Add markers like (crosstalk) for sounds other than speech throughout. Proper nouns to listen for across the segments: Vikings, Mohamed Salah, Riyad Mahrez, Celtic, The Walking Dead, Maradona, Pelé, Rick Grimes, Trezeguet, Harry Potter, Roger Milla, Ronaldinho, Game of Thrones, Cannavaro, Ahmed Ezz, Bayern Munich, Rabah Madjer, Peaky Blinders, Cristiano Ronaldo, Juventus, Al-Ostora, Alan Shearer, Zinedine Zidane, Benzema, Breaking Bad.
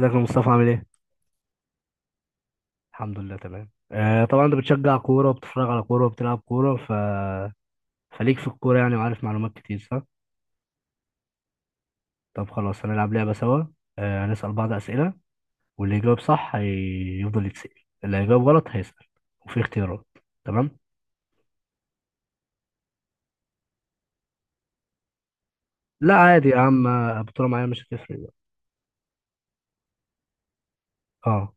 ازيك يا مصطفى؟ عامل ايه؟ الحمد لله تمام. آه طبعا، انت بتشجع كورة وبتتفرج على كورة وبتلعب كورة فليك في الكورة يعني، وعارف معلومات كتير، صح؟ طب خلاص هنلعب لعبة سوا. آه، هنسأل بعض أسئلة، واللي يجاوب صح هيفضل يتسأل، اللي هيجاوب غلط هيسأل، وفي اختيارات. تمام؟ لا عادي يا عم. آه، بطولة معايا مش هتفرق بقى. اه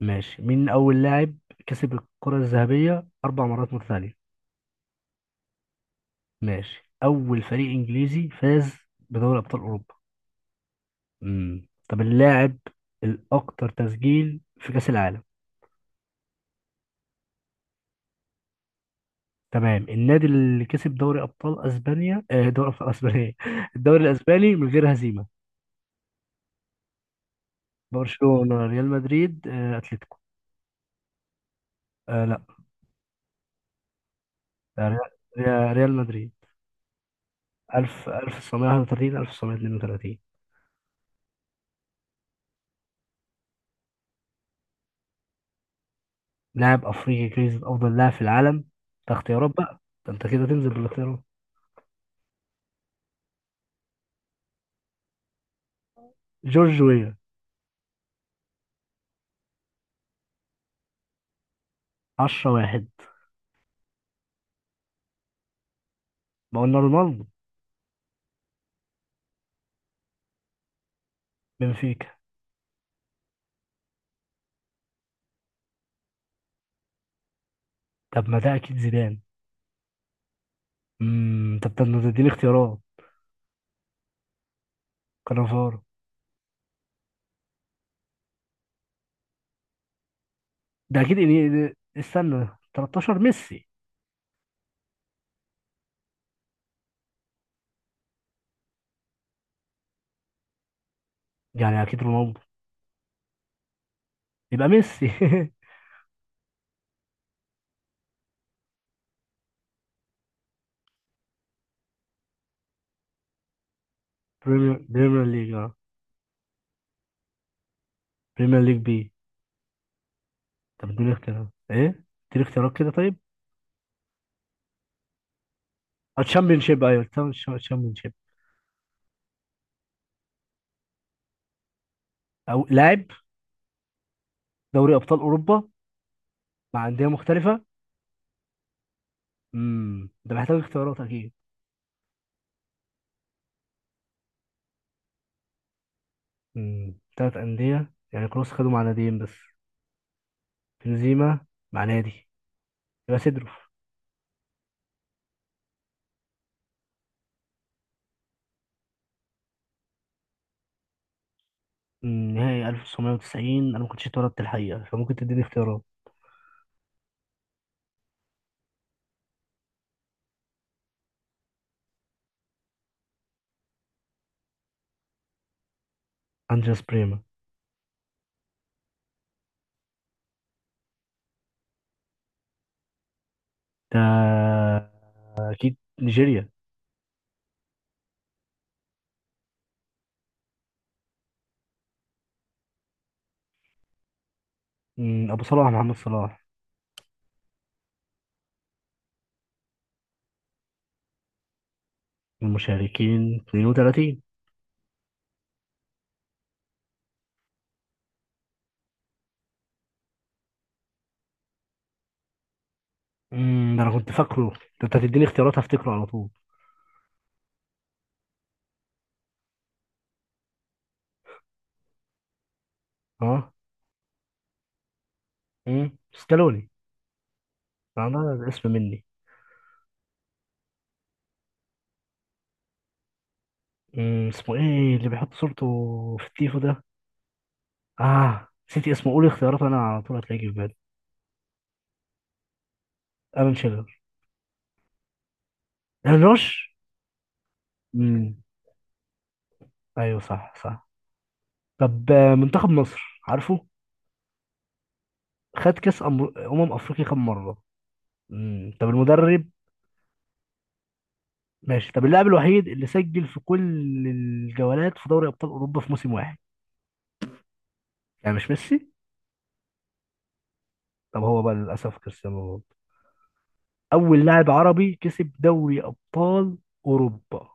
ماشي. مين أول لاعب كسب الكرة الذهبية أربع مرات متتالية؟ ماشي. أول فريق إنجليزي فاز بدوري أبطال أوروبا؟ مم. طب اللاعب الأكثر تسجيل في كأس العالم؟ تمام. النادي اللي كسب دوري أبطال أسبانيا، آه، دوري أبطال أسبانيا (laughs) إيه؟ الدوري الأسباني من غير هزيمة. برشلونة، ريال مدريد، آه، أتلتيكو. آه لا. آه، ريال مدريد. 1000، 1931، 1932. لاعب أفريقي جايزة أفضل لاعب في العالم. ده اختيارات بقى، ده أنت كده تنزل بالاختيارات. جورج ويا. 10 واحد. ما قلنا رونالدو. بنفيكا. طب ما ده أكيد زيدان. امم. طب ما تديني اختيارات. كانافارو. ده اكيد استنى. 13 ميسي. يعني اكيد رونالدو. يبقى ميسي (laughs) بريمير ليج اه. بريمير ليج بي. طب اديني اختيارات ايه. اديني اختيارات كده طيب. الشامبيون شيب، ايوه، الشامبيون شيب. او لاعب. دوري ابطال اوروبا. مع انديه مختلفه. امم، ده محتاج اختيارات اكيد. امم، ثلاث انديه. يعني كروس خدوا مع ناديين بس. بنزيما مع نادي. يبقى سيدروف. أمم، نهائي 1990 انا ما كنتش اتولدت الحقيقه، فممكن تديني اختيارات. انجاس بريما. ده أكيد نيجيريا. مم، أبو صلاح، محمد صلاح. المشاركين 32. مم، ده أنا كنت فاكره ده. أنت هتديني اختيارات هفتكره على طول. أه. مم، ستالوني. أنا ده الاسم مني. مم، اسمه إيه اللي بيحط صورته في التيفو ده. آه نسيت اسمه، قولي اختيارات أنا على طول هتلاقيه في بالي. ألان شيرر. ألان روش. مم، أيوه صح. طب منتخب مصر عارفه خد كأس أمم أفريقيا كام مرة؟ مم، طب المدرب. ماشي. طب اللاعب الوحيد اللي سجل في كل الجولات في دوري ابطال اوروبا في موسم واحد. يعني مش ميسي؟ طب هو بقى للاسف كريستيانو رونالدو. اول لاعب عربي كسب دوري ابطال اوروبا.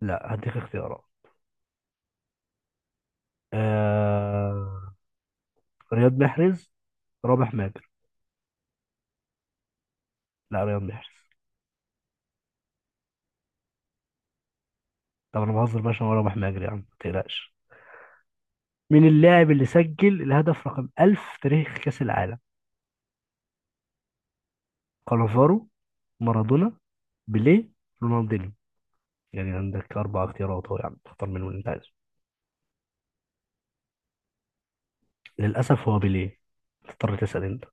لا هديك اختيارات. آه... رياض محرز، رابح ماجر. لا رياض محرز. طب انا بهزر بقى، عشان هو رابح ماجر، يا عم ما تقلقش. مين اللاعب اللي سجل الهدف رقم 1000 في تاريخ كاس العالم؟ كانافارو، مارادونا، بيليه، رونالدو. يعني عندك أربع اختيارات أهو، يعني تختار منهم اللي أنت عايزه. للأسف هو بيليه. تضطر تسأل أنت.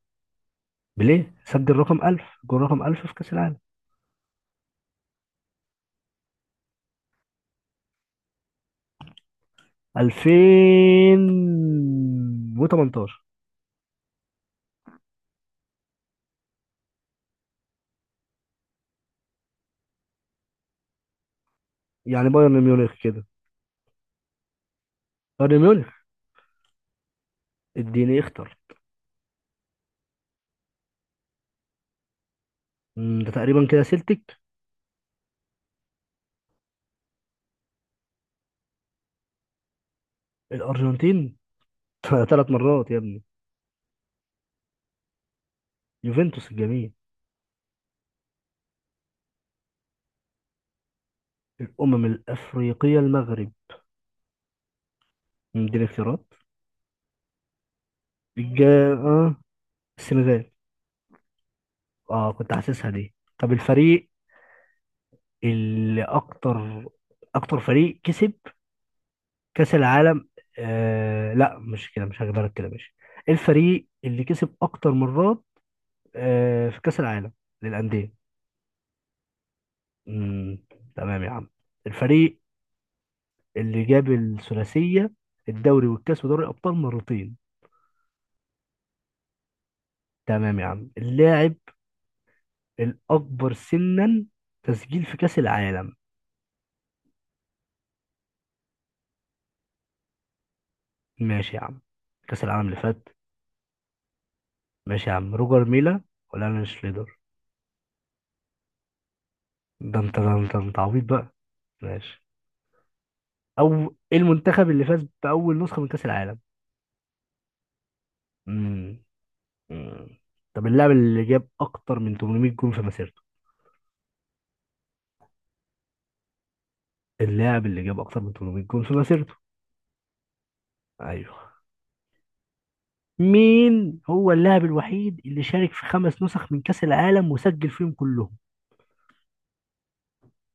بيليه سجل رقم 1000، جول رقم 1000 في كأس العالم. 2018. يعني بايرن ميونخ كده، بايرن ميونخ. اديني اختر. مم، ده تقريبا كده سيلتيك. الأرجنتين (laughs) ثلاث مرات يا ابني. يوفنتوس الجميل. الأمم الأفريقية المغرب. مم، اديني اختيارات. الجا... آه. السنغال. اه كنت حاسسها دي. طب الفريق اللي اكتر، اكتر فريق كسب كاس العالم آه لا مش كده، مش هجيبها لك كده. ماشي، الفريق اللي كسب اكتر مرات، آه، في كاس العالم، للانديه. امم. تمام يا عم. الفريق اللي جاب الثلاثيه، الدوري والكاس ودوري الابطال، مرتين. تمام يا عم. اللاعب الاكبر سنا تسجيل في كاس العالم. ماشي يا عم، كاس العالم اللي فات. ماشي يا عم. روجر ميلا ولا انا شليدر. ده انت ده انت ده انت عبيط بقى. ماشي. او ايه المنتخب اللي فاز باول نسخه من كاس العالم. امم. أمم. طب اللاعب اللي جاب اكتر من 800 جون في مسيرته. اللاعب اللي جاب اكتر من 800 جون في مسيرته. ايوه. مين هو اللاعب الوحيد اللي شارك في خمس نسخ من كاس العالم وسجل فيهم كلهم؟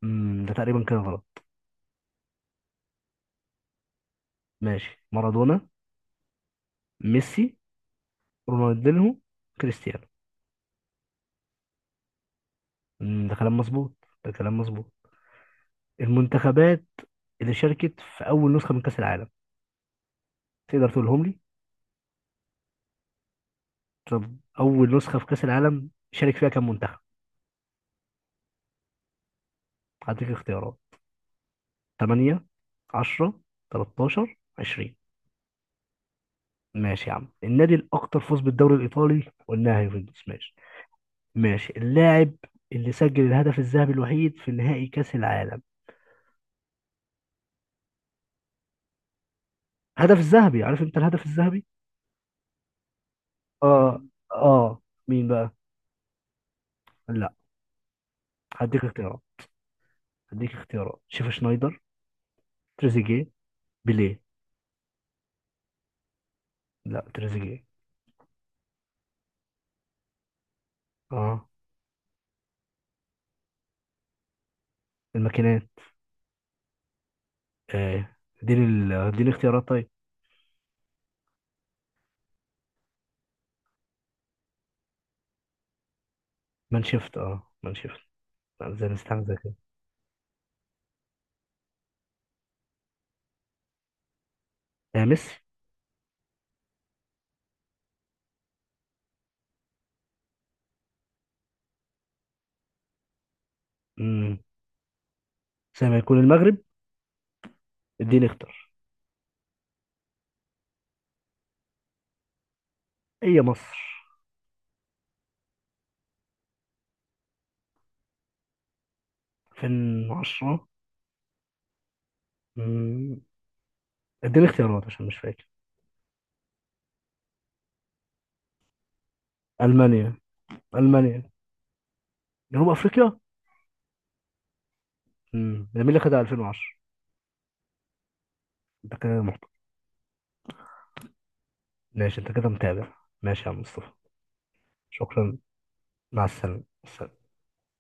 امم، ده تقريبا كده غلط. ماشي. مارادونا، ميسي، رونالدينهو، كريستيانو. امم، ده كلام مظبوط، ده كلام مظبوط. المنتخبات اللي شاركت في اول نسخه من كاس العالم تقدر تقولهم لي؟ طب أول نسخة في كأس العالم شارك فيها كام منتخب؟ هديك اختيارات. 8، 10، 13، 20. ماشي يا عم. النادي الأكثر فوز بالدوري الإيطالي قلناها يوفنتوس، ماشي. ماشي. اللاعب اللي سجل الهدف الذهبي الوحيد في نهائي كأس العالم. هدف الذهبي، عارف أنت الهدف الذهبي؟ آه، آه. مين بقى؟ لا، هديك اختيارات. هديك اختيارات. شيف شنايدر، تريزيجيه، بيليه. لا تريزيجيه. اه. الماكينات. آه. اديني اختيارات طيب. مان شيفت، اه مان شيفت. زي مستحمزة كده. يا مصر. امم، زي ما يكون المغرب. اديني اختار. هي مصر. 2010. امم. اديني اختيارات عشان مش فاكر. المانيا، المانيا. جنوب افريقيا. امم. ده مين اللي خدها 2010؟ انت كده محترم. ماشي، انت كده متابع. ماشي يا عم مصطفى. شكرا. مع السلامة.